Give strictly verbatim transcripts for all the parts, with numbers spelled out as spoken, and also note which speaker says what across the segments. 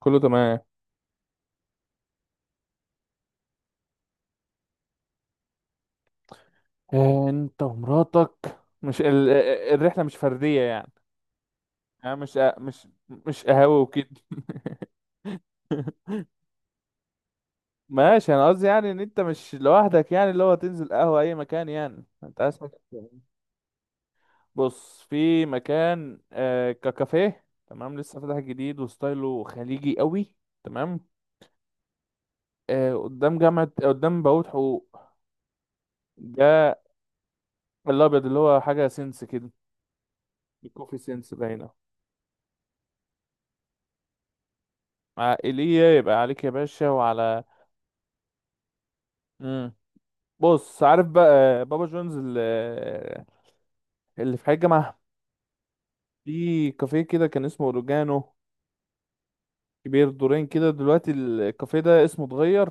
Speaker 1: كله تمام. آه، انت ومراتك. مش ال... آه، آه، الرحله مش فرديه يعني. يعني مش آه، مش مش قهوه وكده. ماشي، انا قصدي يعني ان انت مش لوحدك، يعني اللي هو تنزل قهوه اي مكان، يعني انت اسمك. بص، في مكان آه ككافيه، تمام، لسه فاتح جديد وستايله خليجي قوي. تمام. آه، قدام جامعه، قدام بوابه حقوق ده. الابيض اللي هو حاجه سنس كده. الكوفي سنس باينه. عائليه يبقى عليك يا باشا وعلى. امم. بص، عارف بقى بابا جونز اللي, اللي في حي الجامعة. في كافيه كده كان اسمه اوريجانو، كبير دورين كده. دلوقتي الكافيه ده اسمه اتغير.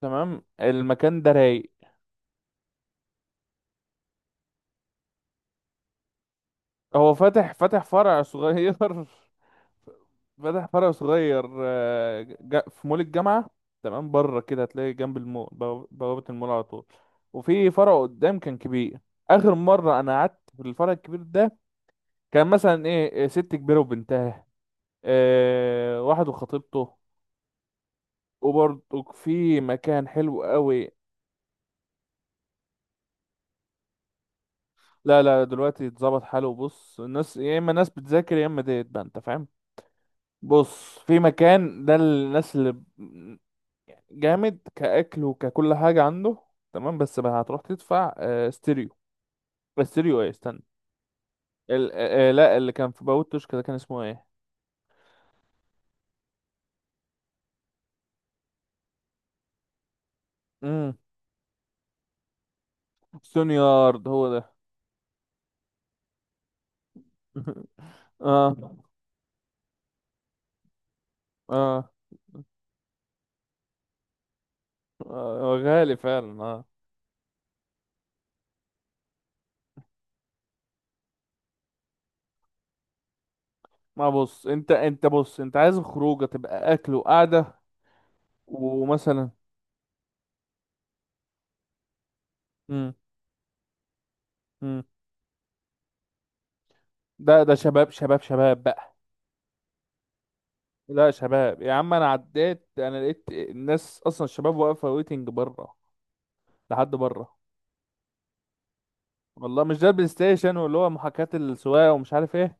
Speaker 1: تمام، المكان ده رايق. هو فاتح فاتح فرع صغير فاتح فرع صغير، آه، ج- في مول الجامعة. تمام، بره كده هتلاقي جنب المول بواب- بوابة المول على طول. وفي فرع قدام كان كبير. آخر مرة أنا قعدت في الفرع الكبير ده، كان مثلا إيه ست كبيرة وبنتها، آه، واحد وخطيبته. وبرضه في مكان حلو قوي. لا لا، دلوقتي اتظبط حاله. بص، الناس يا اما ناس بتذاكر يا اما ديت بقى، انت فاهم. بص، في مكان ده الناس اللي ب- جامد كأكل وككل حاجة عنده. تمام، بس بقى هتروح تدفع آه، ستيريو. ستيريو ايه، استنى. ال... آه، آه، لا، اللي كان في باوتش كده كان اسمه ايه. امم. سونيارد هو ده. اه اه، آه، هو غالي فعلا آه. ما بص، انت انت بص، انت عايز الخروجه تبقى اكل وقعده ومثلا. امم. امم. ده ده شباب شباب شباب بقى. لا، شباب يا عم، انا عديت انا لقيت الناس اصلا الشباب واقفه ويتنج بره، لحد بره. والله مش ده البلاي ستيشن واللي هو محاكاة السواقه ومش عارف ايه.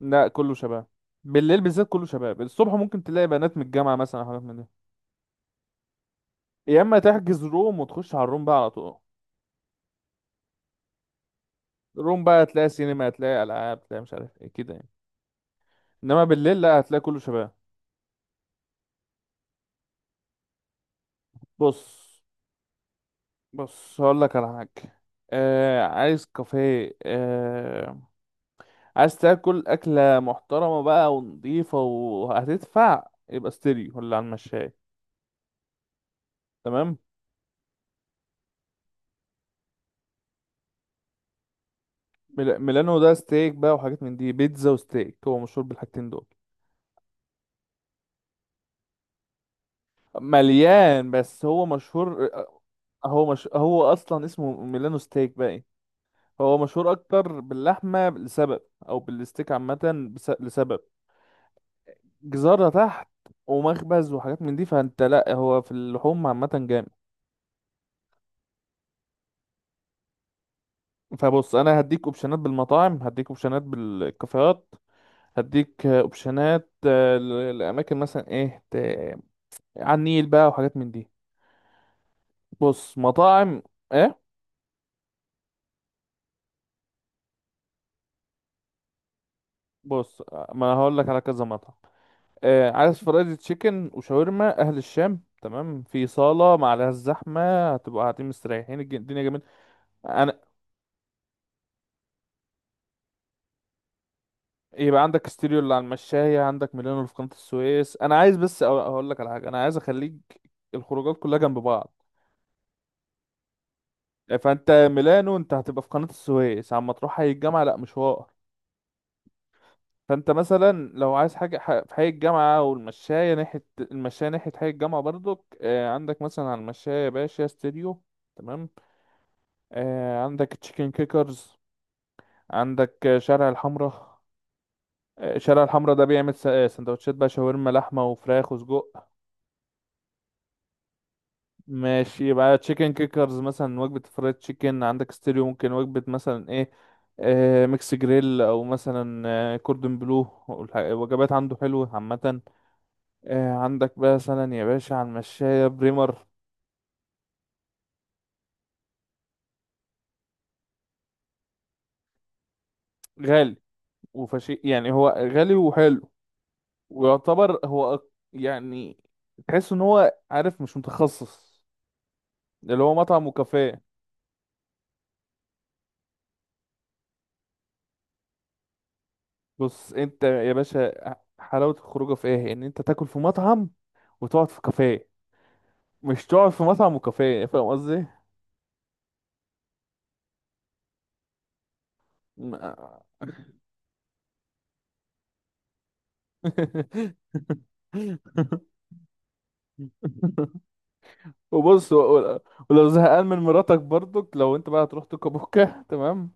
Speaker 1: لا كله شباب. بالليل بالذات كله شباب، الصبح ممكن تلاقي بنات من الجامعه مثلا أو حاجات من دي. يا اما تحجز روم وتخش على الروم بقى على طول. الروم بقى هتلاقي سينما، هتلاقي العاب، هتلاقي مش عارف ايه كده يعني. انما بالليل لا، هتلاقي كله شباب. بص بص هقول لك على حاجة. آه عايز كافيه، آه عايز تاكل أكلة محترمة بقى ونضيفة وهتدفع، يبقى ستيريو ولا على المشاية. تمام. ميل- ميلانو ده ستيك بقى وحاجات من دي، بيتزا وستيك، هو مشهور بالحاجتين دول. مليان، بس هو مشهور آه، هو مش، هو أصلا اسمه ميلانو ستيك بقى، إيه؟ هو مشهور أكتر باللحمة لسبب، أو بالستيك عامة بس- لسبب. جزارة تحت ومخبز وحاجات من دي، فانت لا، هو في اللحوم عامة جامد. فبص، انا هديك اوبشنات بالمطاعم، هديك اوبشنات بالكافيهات، هديك اوبشنات آه، ل- لاماكن مثلا ايه ت... على النيل بقى وحاجات من دي. بص، مطاعم ايه. بص، ما هقول لك على كذا مطعم. آه عايز فرايد تشيكن وشاورما اهل الشام، تمام، في صالة ما عليهاش زحمة، هتبقى قاعدين مستريحين، الج- الدنيا جميلة. انا يبقى عندك ستيريو اللي على المشاية، عندك ميلانو اللي في قناة السويس. انا عايز بس أ- اقول لك على حاجة، انا عايز اخليك الخروجات كلها جنب بعض. فانت ميلانو انت هتبقى في قناة السويس، عما تروح حي الجامعة لا مشوار. فانت مثلا لو عايز حاجة ح- في حي الجامعة والمشاية، ناحية المشاية ناحية حي الجامعة برضك، آه، عندك مثلا على المشاية يا باشا ستيريو، تمام. آه، عندك تشيكن كيكرز، عندك آه، شارع الحمراء. آه، شارع الحمراء ده بيعمل س- آه، سندوتشات بقى، شاورما لحمة وفراخ وسجق. ماشي، يبقى تشيكن كيكرز مثلا وجبة فرايد تشيكن، عندك ستيريو ممكن وجبة مثلا ايه، آه ميكس جريل او مثلا آه كوردن بلو، والح- الوجبات عنده حلوة عامة. آه عندك بقى مثلا يا باشا على المشاية بريمر، غالي وفشي، يعني هو غالي وحلو. ويعتبر هو أك- يعني تحس ان هو عارف مش متخصص، اللي هو مطعم وكافيه. بص انت يا باشا، حلاوة الخروجه في ايه؟ ان انت تاكل في مطعم وتقعد في كافيه، مش تقعد في مطعم وكافيه، يعني فاهم قصدي. وبص و- ولو زهقان من مراتك برضك، لو انت بقى هتروح توكابوكا تمام.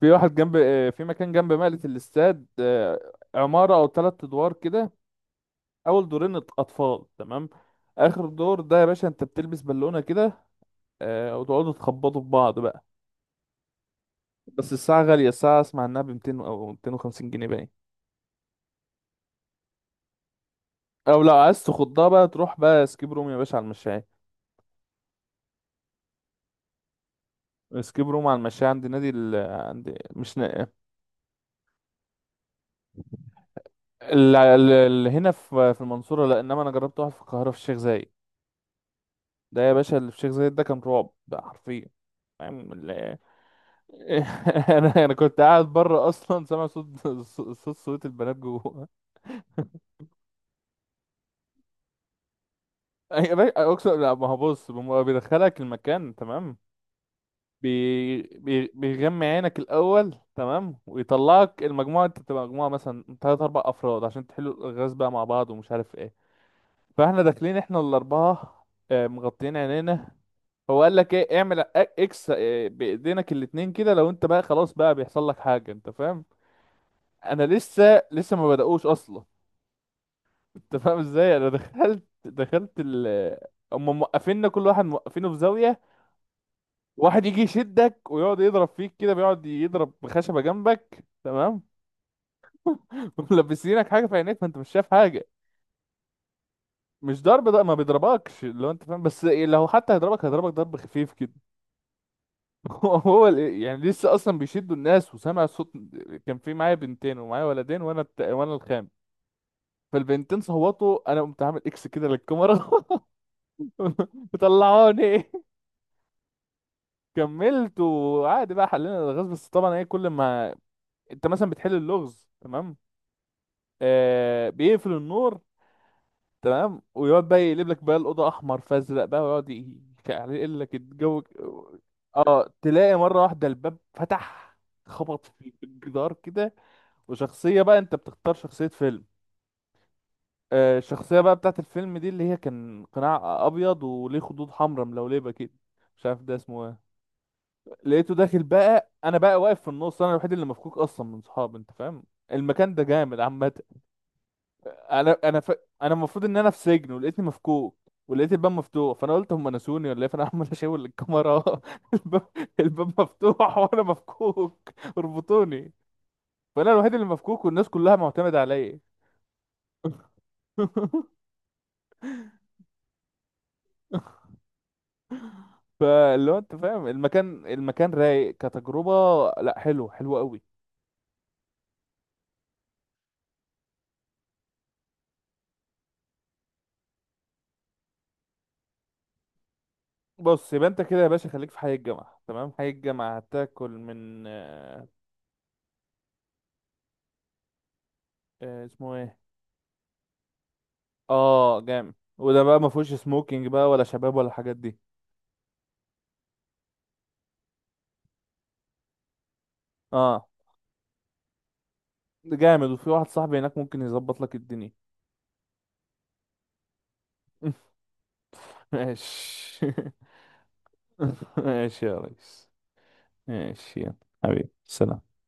Speaker 1: في واحد جنب، آه، في مكان جنب مقلة الاستاد، آه، عمارة او ثلاث ادوار كده. اول دورين أط- اطفال، تمام. اخر دور ده يا باشا انت بتلبس بالونة كده، آه، وتقعدوا تخبطوا في بعض بقى. بس الساعة غالية، الساعة اسمع انها ب ميتين او ميتين وخمسين جنيه باين. او لو عايز تخضها بقى تروح بقى اسكيب روم يا باشا على المشاية. اسكيب روم على المشاية عند نادي ال... عند مش ن... ال... ال... ال... هنا في في المنصورة لا، انما انا جربت واحد في القاهرة في الشيخ زايد. ده يا باشا اللي في الشيخ زايد ده كان رعب بقى حرفيا، فاهم ال- انا انا كنت قاعد بره اصلا، سامع صوت صوت صوت البنات جوه. أي- أقسم، لا ما هو بص، بم- بيدخلك المكان، تمام. بي... بي... بيغمي عينك الأول، تمام، ويطلعك المجموعة. انت بتبقى مجموعة مثلا تلات أربع أفراد عشان تحلوا الألغاز بقى مع بعض ومش عارف ايه. فاحنا داخلين احنا الأربعة، آه، مغطيين عينينا. هو قال لك ايه، اعمل أ- اكس آه، بإيدينك الاتنين كده، لو انت بقى خلاص بقى بيحصل لك حاجة، انت فاهم. انا لسه لسه ما بدأوش أصلا. انت فاهم ازاي، انا دخلت دخلت ال هم موقفيننا كل واحد موقفينه في زاوية. واحد يجي يشدك ويقعد يضرب فيك كده، بيقعد يضرب بخشبة جامبك، تمام. ملبسينك حاجة في عينيك فانت مش شايف حاجة. مش ضرب، ده ما بيضربكش لو انت فاهم، بس إيه، لو حتى هيضربك هيضربك ضرب خفيف كده. هو ال- يعني لسه اصلا بيشدوا الناس وسامع صوت. كان في معايا بنتين ومعايا ولدين، وانا الت... وانا الخام. فالبنتين صوتوا، انا قمت عامل اكس كده للكاميرا، طلعوني. كملت وعادي بقى، حلينا الغاز، بس طبعا ايه، كل ما انت مثلا بتحل اللغز تمام، آه بيقفل النور، تمام، ويقعد بقى يقلب لك بقى الأوضة أحمر فأزرق بقى ويقعد ي- يعني يقلب لك الجو. اه، تلاقي مرة واحدة الباب فتح، خبط في الجدار كده، وشخصية بقى، انت بتختار شخصية فيلم. آه، الشخصية بقى بتاعت الفيلم دي اللي هي كان قناع أبيض وليه خدود حمراء ملولبة كده، مش عارف ده اسمه ايه. لقيته داخل بقى، انا بقى واقف في النص، انا الوحيد اللي مفكوك اصلا من صحابي، انت فاهم. المكان ده جامد عامة. انا انا ف... انا المفروض ان انا في سجن ولقيتني مفكوك، ولقيت الباب مفتوح، فانا قلت هم نسوني ولا ايه، فانا عمال اشاور للكاميرا. الباب، الباب مفتوح وانا مفكوك، اربطوني. فانا الوحيد اللي مفكوك والناس كلها معتمدة عليا. فاللي هو انت فاهم، المكان المكان رايق كتجربة. لا حلو حلو قوي. بص، يبقى انت كده يا باشا خليك في حي الجامعة، تمام، حي الجامعة هتاكل من آه، آه، اسمه ايه. اه جامد، وده بقى ما فيهوش سموكينج بقى ولا شباب ولا الحاجات دي. اه جامد، وفي واحد صاحبي هناك ممكن يظبط لك الدنيا. ماشي. ماشي يا ريس. ماشي يلا. حبيبي سلام.